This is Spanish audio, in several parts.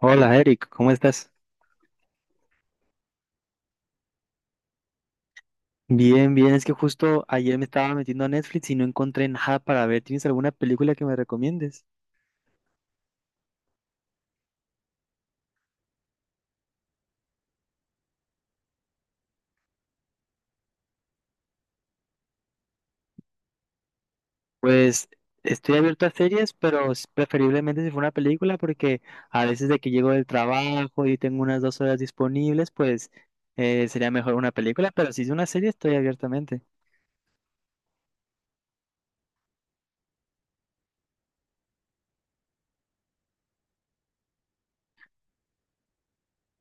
Hola Eric, ¿cómo estás? Bien, bien, es que justo ayer me estaba metiendo a Netflix y no encontré nada para ver. ¿Tienes alguna película que me recomiendes? Pues estoy abierto a series, pero preferiblemente si fue una película porque a veces de que llego del trabajo y tengo unas dos horas disponibles, pues sería mejor una película, pero si es una serie estoy abiertamente.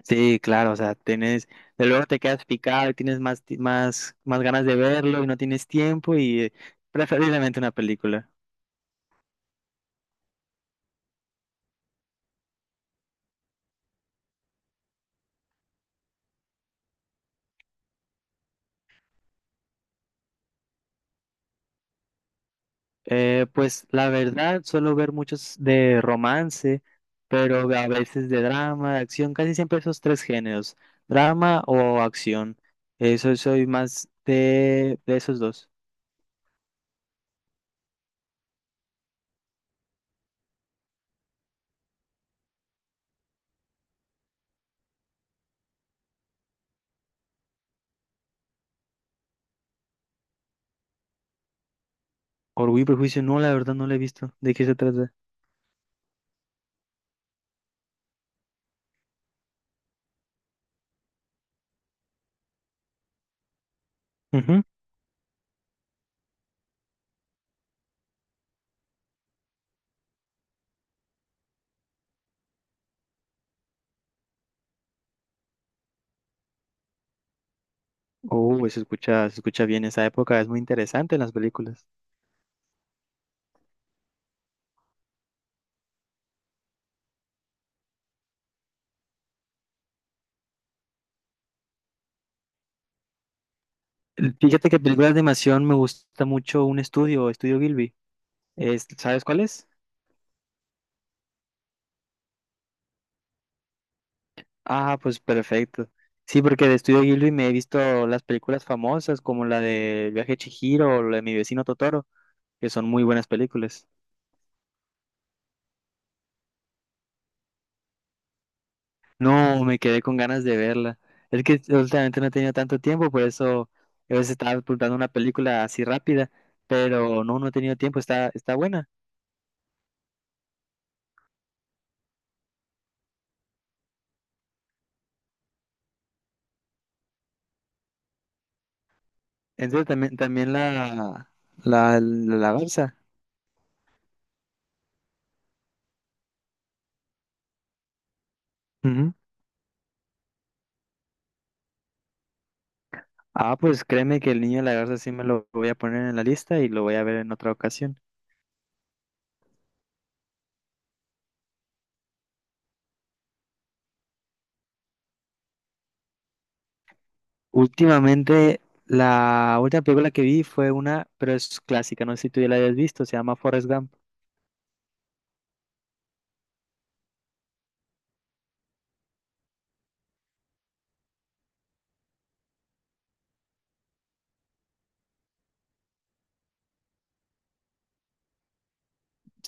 Sí, claro, o sea, tienes, de luego te quedas picado y tienes más, más, más ganas de verlo y no tienes tiempo y preferiblemente una película. Pues la verdad, suelo ver muchos de romance, pero a veces de drama, de acción, casi siempre esos tres géneros, drama o acción. Eso soy más de esos dos. Orgullo y Prejuicio, no, la verdad no lo he visto. ¿De qué se trata? Ujú. Oh, se escucha bien esa época, es muy interesante en las películas. Fíjate que películas de animación me gusta mucho un estudio, Estudio Gilby. ¿Sabes cuál es? Ah, pues perfecto. Sí, porque de Estudio Ghibli me he visto las películas famosas como la de El viaje de Chihiro o la de Mi vecino Totoro, que son muy buenas películas. No, me quedé con ganas de verla. Es que últimamente no he tenido tanto tiempo, por eso a veces estaba apuntando una película así rápida, pero no, no he tenido tiempo, está, está buena. Entonces también, también la, garza. Ujú. Ah, pues créeme que el niño de la garza sí me lo voy a poner en la lista y lo voy a ver en otra ocasión. Últimamente, la última película que vi fue una, pero es clásica, no sé si tú ya la hayas visto, se llama Forrest Gump.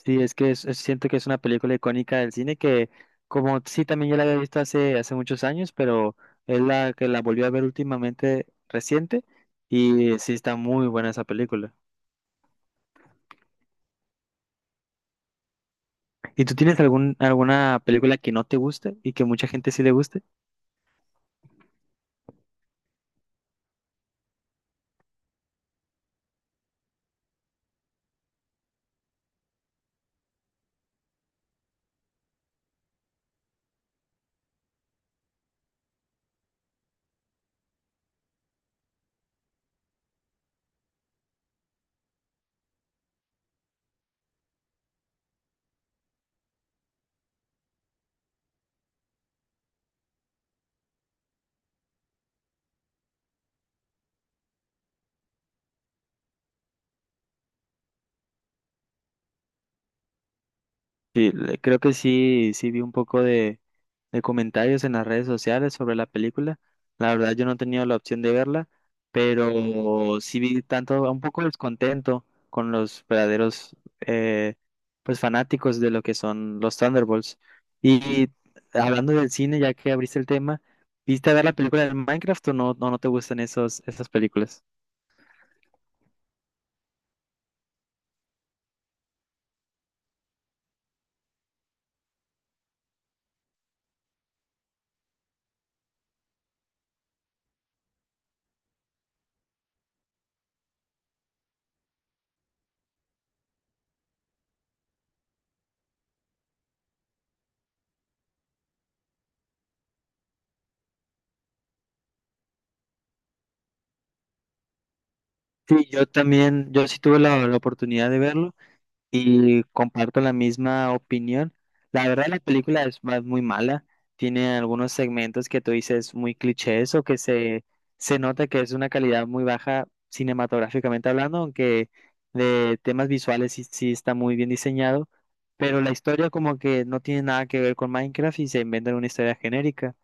Sí, es que siento que es una película icónica del cine que, como sí, también ya la había visto hace, hace muchos años, pero es la que la volví a ver últimamente reciente y sí está muy buena esa película. ¿Y tú tienes algún, alguna película que no te guste y que mucha gente sí le guste? Sí, creo que sí, sí vi un poco de comentarios en las redes sociales sobre la película. La verdad yo no he tenido la opción de verla, pero sí vi tanto, un poco descontento con los verdaderos pues fanáticos de lo que son los Thunderbolts. Y hablando del cine, ya que abriste el tema, ¿viste a ver la película de Minecraft o no, no, no te gustan esos, esas películas? Sí, yo también, yo sí tuve la, la oportunidad de verlo. Y comparto la misma opinión. La verdad, la película es más muy mala. Tiene algunos segmentos que tú dices muy clichés o que se nota que es una calidad muy baja cinematográficamente hablando, aunque de temas visuales sí, sí está muy bien diseñado. Pero la historia como que no tiene nada que ver con Minecraft y se inventan una historia genérica.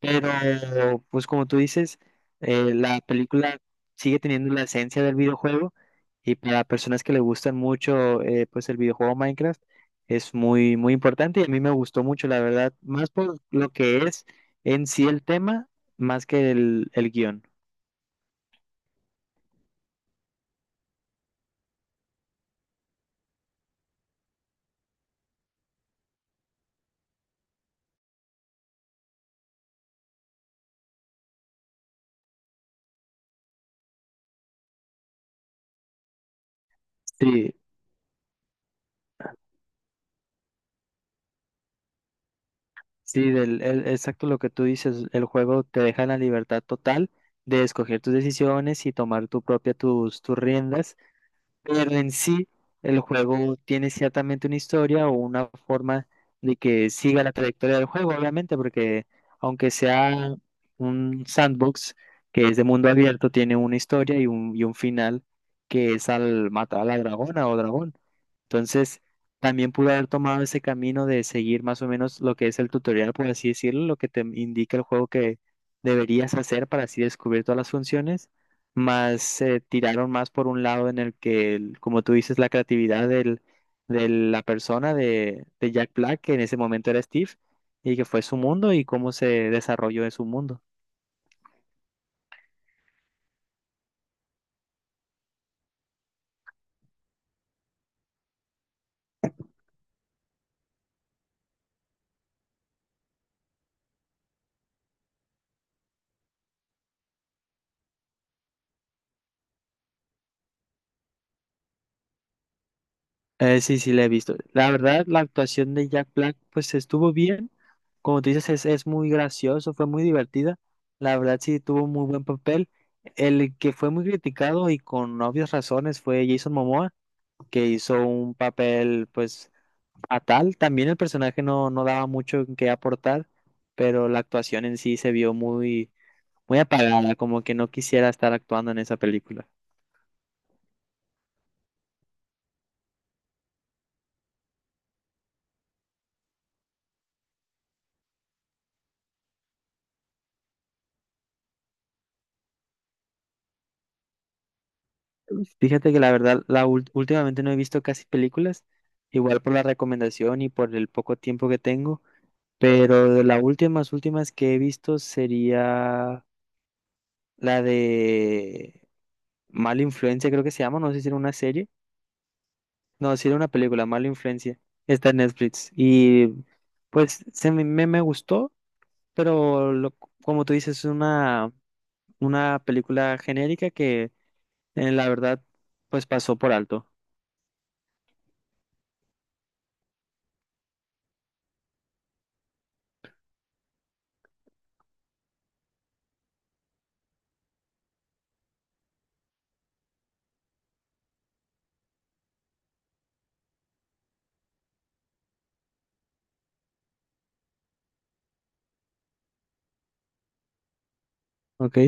Pero, pues como tú dices, la película sigue teniendo la esencia del videojuego y para personas que le gustan mucho, pues el videojuego Minecraft es muy, muy importante y a mí me gustó mucho, la verdad, más por lo que es en sí el tema, más que el guión. Sí, sí, exacto lo que tú dices, el juego te deja la libertad total de escoger tus decisiones y tomar tu propia, tus, tus riendas. Pero en sí, el juego tiene ciertamente una historia o una forma de que siga la trayectoria del juego, obviamente, porque aunque sea un sandbox que es de mundo abierto, tiene una historia y un final que es al matar a la dragona o dragón. Entonces, también pude haber tomado ese camino de seguir más o menos lo que es el tutorial, por así decirlo, lo que te indica el juego que deberías hacer para así descubrir todas las funciones, más se tiraron más por un lado en el que, como tú dices, la creatividad del, de la persona de Jack Black, que en ese momento era Steve, y que fue su mundo y cómo se desarrolló en su mundo. Sí, sí, la he visto. La verdad, la actuación de Jack Black, pues estuvo bien. Como tú dices, es muy gracioso, fue muy divertida. La verdad, sí, tuvo muy buen papel. El que fue muy criticado y con obvias razones fue Jason Momoa, que hizo un papel, pues, fatal. También el personaje no, no daba mucho que aportar, pero la actuación en sí se vio muy, muy apagada, como que no quisiera estar actuando en esa película. Fíjate que la verdad, la últimamente no he visto casi películas, igual por la recomendación y por el poco tiempo que tengo, pero de las últimas, últimas que he visto sería la de Mala Influencia, creo que se llama, no sé si era una serie, no, si era una película, Mala Influencia, está en Netflix y pues me gustó, pero como tú dices, es una película genérica que la verdad pues pasó por alto. ¿Ok?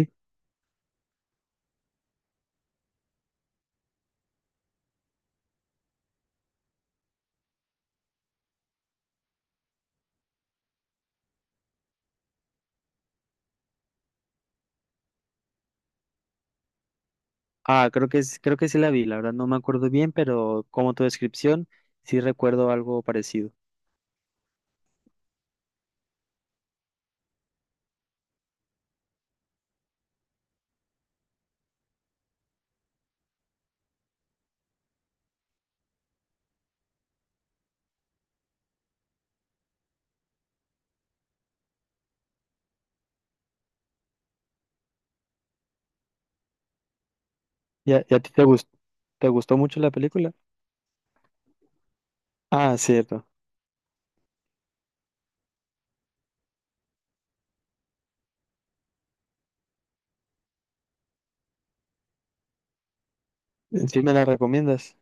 Ah, creo que es, creo que sí la vi, la verdad no me acuerdo bien, pero como tu descripción, sí recuerdo algo parecido. Y a ti te gustó mucho la película? Ah, cierto. ¿Sí me la recomiendas?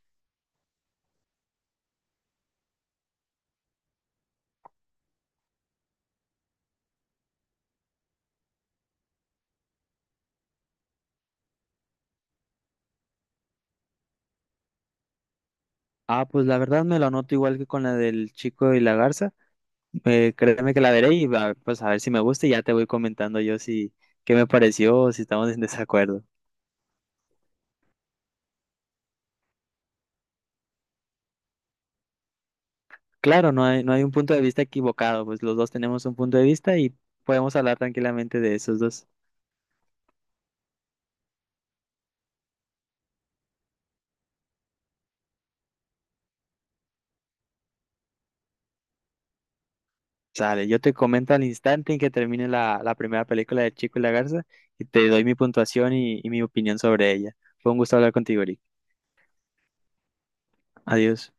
Ah, pues la verdad me la anoto igual que con la del chico y la garza. Créeme que la veré y va, pues a ver si me gusta y ya te voy comentando yo si qué me pareció o si estamos en desacuerdo. Claro, no hay, no hay un punto de vista equivocado, pues los dos tenemos un punto de vista y podemos hablar tranquilamente de esos dos. Sale, yo te comento al instante en que termine la, la primera película de Chico y la Garza y te doy mi puntuación y mi opinión sobre ella. Fue un gusto hablar contigo, Eric. Adiós.